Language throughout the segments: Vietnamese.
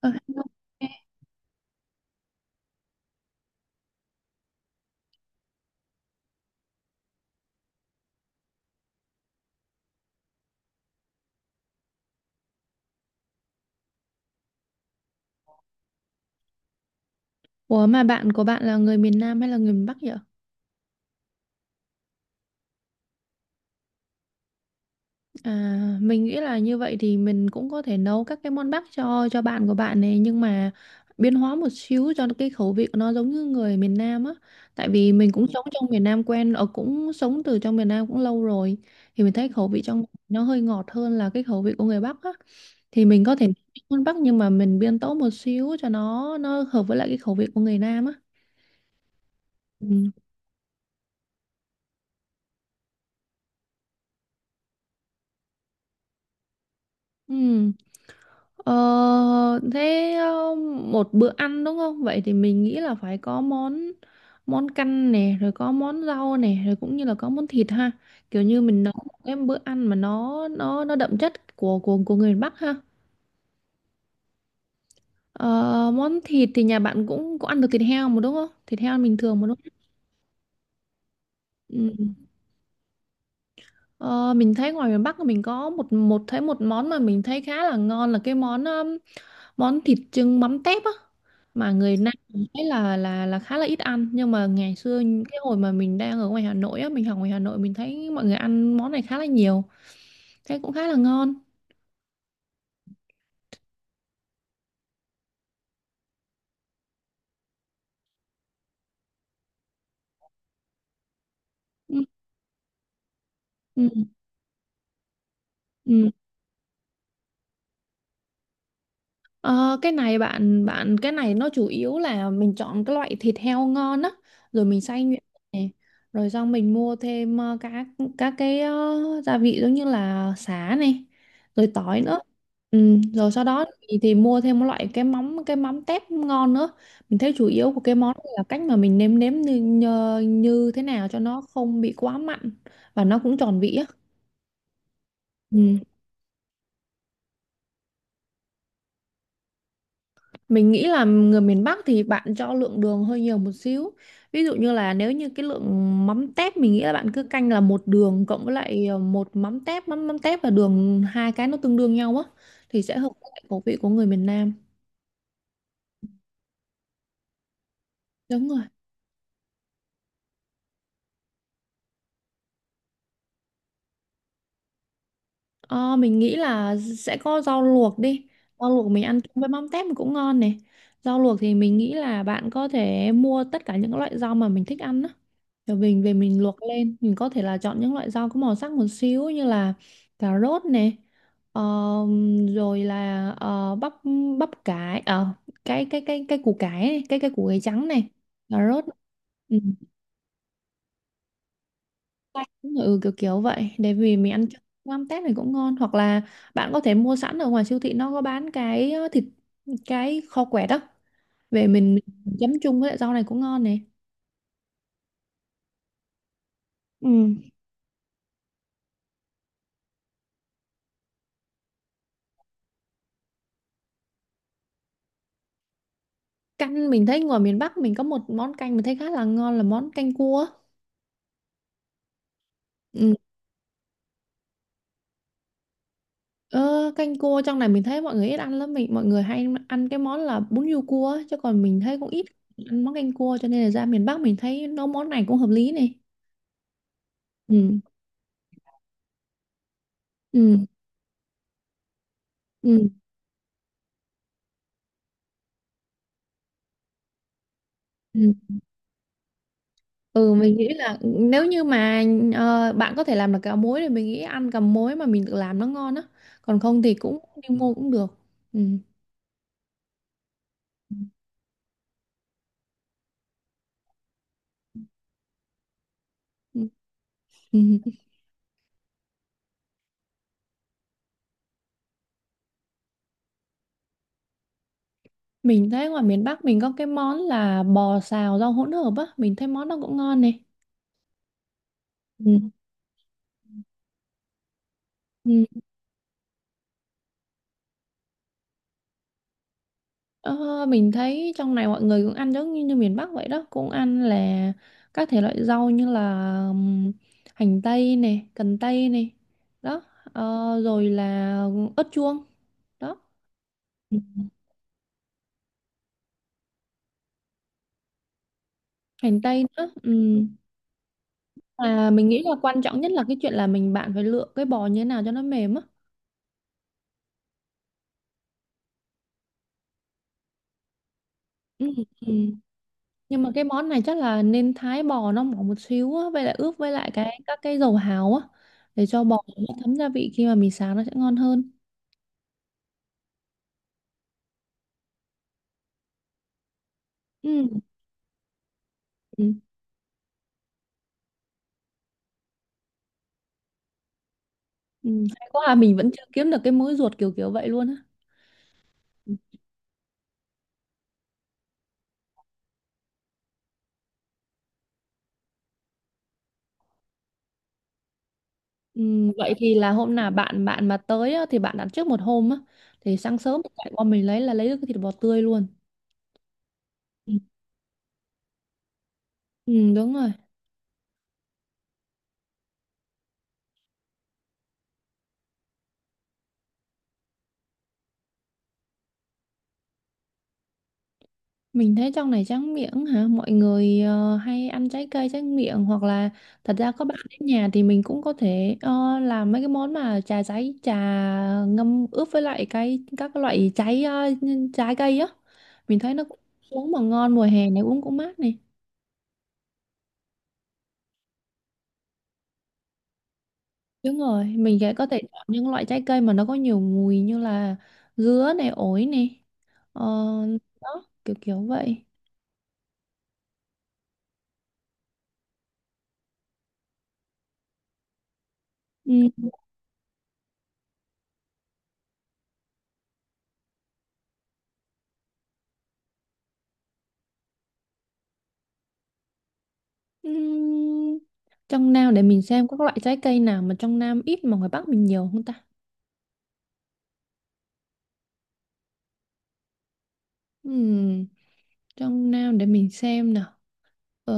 Ờ, Ủa mà bạn của bạn là người miền Nam hay là người miền Bắc vậy? À, mình nghĩ là như vậy thì mình cũng có thể nấu các cái món Bắc cho bạn của bạn này nhưng mà biến hóa một xíu cho cái khẩu vị của nó giống như người miền Nam á. Tại vì mình cũng sống trong miền Nam quen, ở cũng sống từ trong miền Nam cũng lâu rồi thì mình thấy khẩu vị trong nó hơi ngọt hơn là cái khẩu vị của người Bắc á. Thì mình có thể nấu món Bắc nhưng mà mình biến tấu một xíu cho nó hợp với lại cái khẩu vị của người Nam á. Ừ. Ừ. Ờ, Thế một bữa ăn đúng không? Vậy thì mình nghĩ là phải có món món canh nè, rồi có món rau nè, rồi cũng như là có món thịt ha. Kiểu như mình nấu một cái bữa ăn mà nó đậm chất của người miền Bắc ha. Ờ, món thịt thì nhà bạn cũng có ăn được thịt heo mà đúng không? Thịt heo bình thường mà đúng không? Ừ. Ờ, mình thấy ngoài miền Bắc mình có một một thấy một món mà mình thấy khá là ngon là cái món món thịt chưng mắm tép á mà người Nam mình thấy là khá là ít ăn nhưng mà ngày xưa cái hồi mà mình đang ở ngoài Hà Nội á mình học ngoài Hà Nội mình thấy mọi người ăn món này khá là nhiều thấy cũng khá là ngon. Ừ, ừ, ừ. Ờ, cái này bạn bạn cái này nó chủ yếu là mình chọn cái loại thịt heo ngon á rồi mình xay nhuyễn này rồi xong mình mua thêm các cái gia vị giống như là sả này rồi tỏi nữa, ừ, rồi sau đó thì mua thêm một loại cái mắm tép ngon nữa. Mình thấy chủ yếu của cái món này là cách mà mình nêm nếm như thế nào cho nó không bị quá mặn và nó cũng tròn vị á. Ừ. Mình nghĩ là người miền Bắc thì bạn cho lượng đường hơi nhiều một xíu. Ví dụ như là nếu như cái lượng mắm tép mình nghĩ là bạn cứ canh là một đường cộng với lại một mắm tép, mắm mắm tép và đường hai cái nó tương đương nhau á thì sẽ hợp với lại khẩu vị của người miền Nam. Đúng rồi. Ờ, mình nghĩ là sẽ có rau luộc đi. Rau luộc mình ăn chung với mắm tép cũng ngon này. Rau luộc thì mình nghĩ là bạn có thể mua tất cả những loại rau mà mình thích ăn á. Rồi mình về mình luộc lên mình có thể là chọn những loại rau có màu sắc một xíu như là cà rốt này, ờ, rồi là bắp bắp cải, cái củ cải này, cái củ cải trắng này, cà rốt, ừ, cay, ừ kiểu kiểu vậy để vì mình ăn cho mắm tép này cũng ngon, hoặc là bạn có thể mua sẵn ở ngoài siêu thị nó có bán cái thịt, cái kho quẹt đó về mình chấm chung với lại rau này cũng ngon này. Ừ. Canh mình thấy ngoài miền Bắc mình có một món canh mình thấy khá là ngon là món canh cua. Ừ. Ờ, canh cua trong này mình thấy mọi người ít ăn lắm, mọi người hay ăn cái món là bún riêu cua á, chứ còn mình thấy cũng ít ăn món canh cua cho nên là ra miền Bắc mình thấy nấu món này cũng hợp lý này. Ừ. Ừ. Ừ. Ừ. Ừ, mình nghĩ là nếu như mà bạn có thể làm được cà muối thì mình nghĩ ăn cà muối mà mình tự làm nó ngon á, còn không thì cũng đi mua cũng được. Ừ. Ừ. Ừ. Mình thấy ngoài miền Bắc mình có cái món là bò xào rau hỗn hợp á, mình thấy món đó cũng ngon này. Ừ. Ừ. Ờ, mình thấy trong này mọi người cũng ăn giống như miền Bắc vậy đó, cũng ăn là các thể loại rau như là hành tây này, cần tây này, đó, rồi là ớt chuông, đó. Ừ, hành tây nữa. Ừ. À, mình nghĩ là quan trọng nhất là cái chuyện là bạn phải lựa cái bò như thế nào cho nó mềm á. Ừ. Ừ. Nhưng mà cái món này chắc là nên thái bò nó mỏng một xíu á, vậy là ướp với lại cái các cái dầu hào á để cho bò nó thấm gia vị khi mà mình xào nó sẽ ngon hơn. Ừ. Ừ. Ừ. Hay quá à, mình vẫn chưa kiếm được cái múi ruột kiểu kiểu vậy luôn á. Ừ. Vậy thì là hôm nào bạn bạn mà tới á, thì bạn đặt trước một hôm á thì sáng sớm chạy qua mình lấy là lấy được cái thịt bò tươi luôn. Ừ. Ừ, đúng rồi. Mình thấy trong này tráng miệng hả? Mọi người hay ăn trái cây tráng miệng hoặc là thật ra có bạn đến nhà thì mình cũng có thể làm mấy cái món mà trà giấy, trà ngâm ướp với lại cái các cái loại trái cây á. Mình thấy nó cũng uống mà ngon, mùa hè này uống cũng mát này. Đúng rồi, mình sẽ có thể chọn những loại trái cây mà nó có nhiều mùi như là dứa này, ổi này. Ờ, đó, kiểu kiểu vậy. Ừ. Ừm, trong Nam để mình xem có các loại trái cây nào mà trong Nam ít mà ngoài Bắc mình nhiều không ta? Ừm, trong Nam để mình xem nào. Ờ,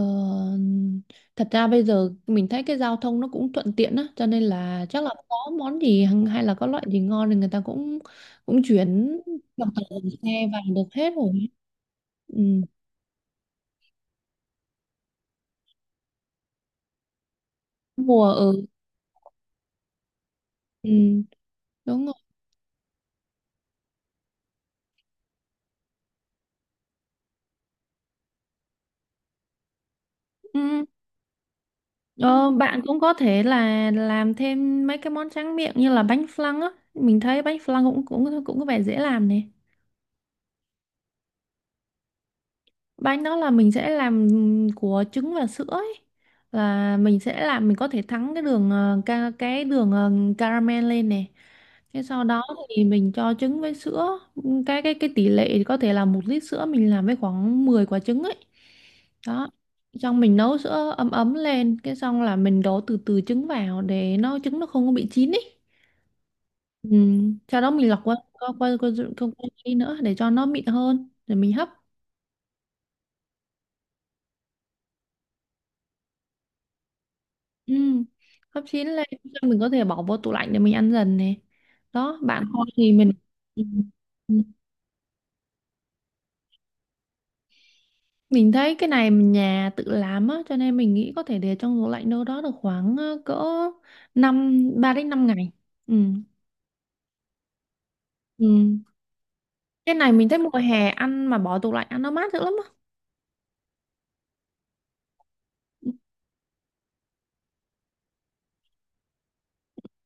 thật ra bây giờ mình thấy cái giao thông nó cũng thuận tiện á, cho nên là chắc là có món gì hay là có loại gì ngon thì người ta cũng cũng chuyển bằng tàu dòng xe vào được hết rồi. Ừm, mùa ở, ừ, đúng rồi. Ờ, bạn cũng có thể là làm thêm mấy cái món tráng miệng như là bánh flan á. Mình thấy bánh flan cũng cũng cũng có vẻ dễ làm nè. Bánh đó là mình sẽ làm của trứng và sữa ấy, là mình sẽ làm mình có thể thắng cái đường caramel lên này. Thế sau đó thì mình cho trứng với sữa, cái tỷ lệ thì có thể là 1 lít sữa mình làm với khoảng 10 quả trứng ấy, đó, xong mình nấu sữa ấm ấm lên cái xong là mình đổ từ từ trứng vào để nó trứng nó không có bị chín ấy. Ừ. Sau đó mình lọc qua nữa để cho nó mịn hơn rồi mình hấp. Ừ. Hấp chín lên xong mình có thể bỏ vô tủ lạnh để mình ăn dần này. Đó, bạn thôi thì mình. Ừ. Ừ. Mình thấy cái này mình nhà tự làm á cho nên mình nghĩ có thể để trong tủ lạnh đâu đó được khoảng cỡ 3 đến 5 ngày. Ừ. Ừ. Cái này mình thấy mùa hè ăn mà bỏ tủ lạnh ăn nó mát dữ lắm á.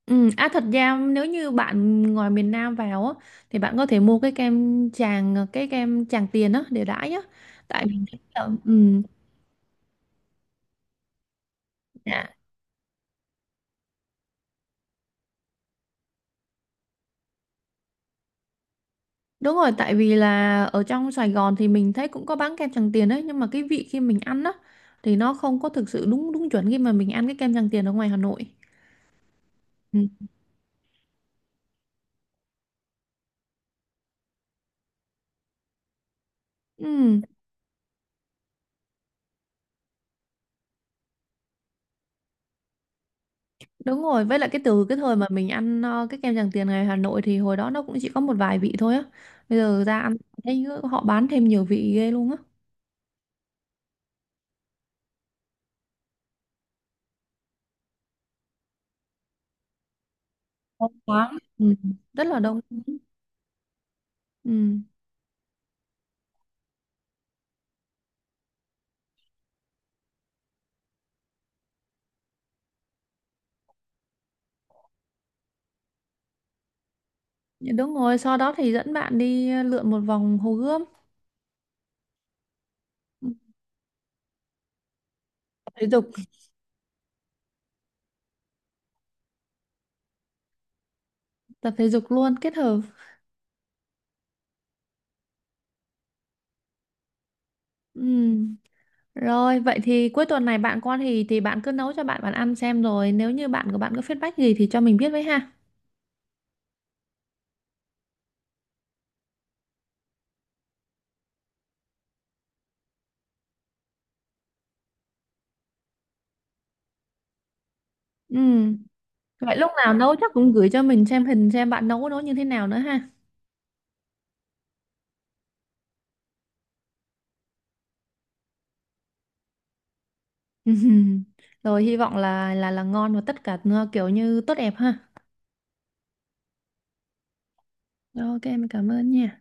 Ừ. À thật ra nếu như bạn ngoài miền Nam vào á thì bạn có thể mua cái cái kem Tràng Tiền á để đãi á. Tại mình thấy là ừ, đúng rồi, tại vì là ở trong Sài Gòn thì mình thấy cũng có bán kem Tràng Tiền đấy, nhưng mà cái vị khi mình ăn á thì nó không có thực sự đúng đúng chuẩn khi mà mình ăn cái kem Tràng Tiền ở ngoài Hà Nội. Ừ. Ừ, đúng rồi, với lại cái từ cái thời mà mình ăn cái kem Tràng Tiền ngoài Hà Nội thì hồi đó nó cũng chỉ có một vài vị thôi á. Bây giờ ra ăn thấy họ bán thêm nhiều vị ghê luôn á. Không có. Ừ, rất là đông. Ừ, đúng rồi, sau đó thì dẫn bạn đi lượn một vòng Hồ Gươm, tập thể dục, tập thể dục luôn kết hợp. Ừ. Rồi, vậy thì cuối tuần này bạn con thì bạn cứ nấu cho bạn bạn ăn xem rồi nếu như bạn của bạn có feedback gì thì cho mình biết với ha. Ừ. Vậy lúc nào nấu chắc cũng gửi cho mình xem hình xem bạn nấu nấu như thế nào nữa ha. Rồi hy vọng là ngon và tất cả nó kiểu như tốt đẹp ha. Rồi, ok, mình cảm ơn nha.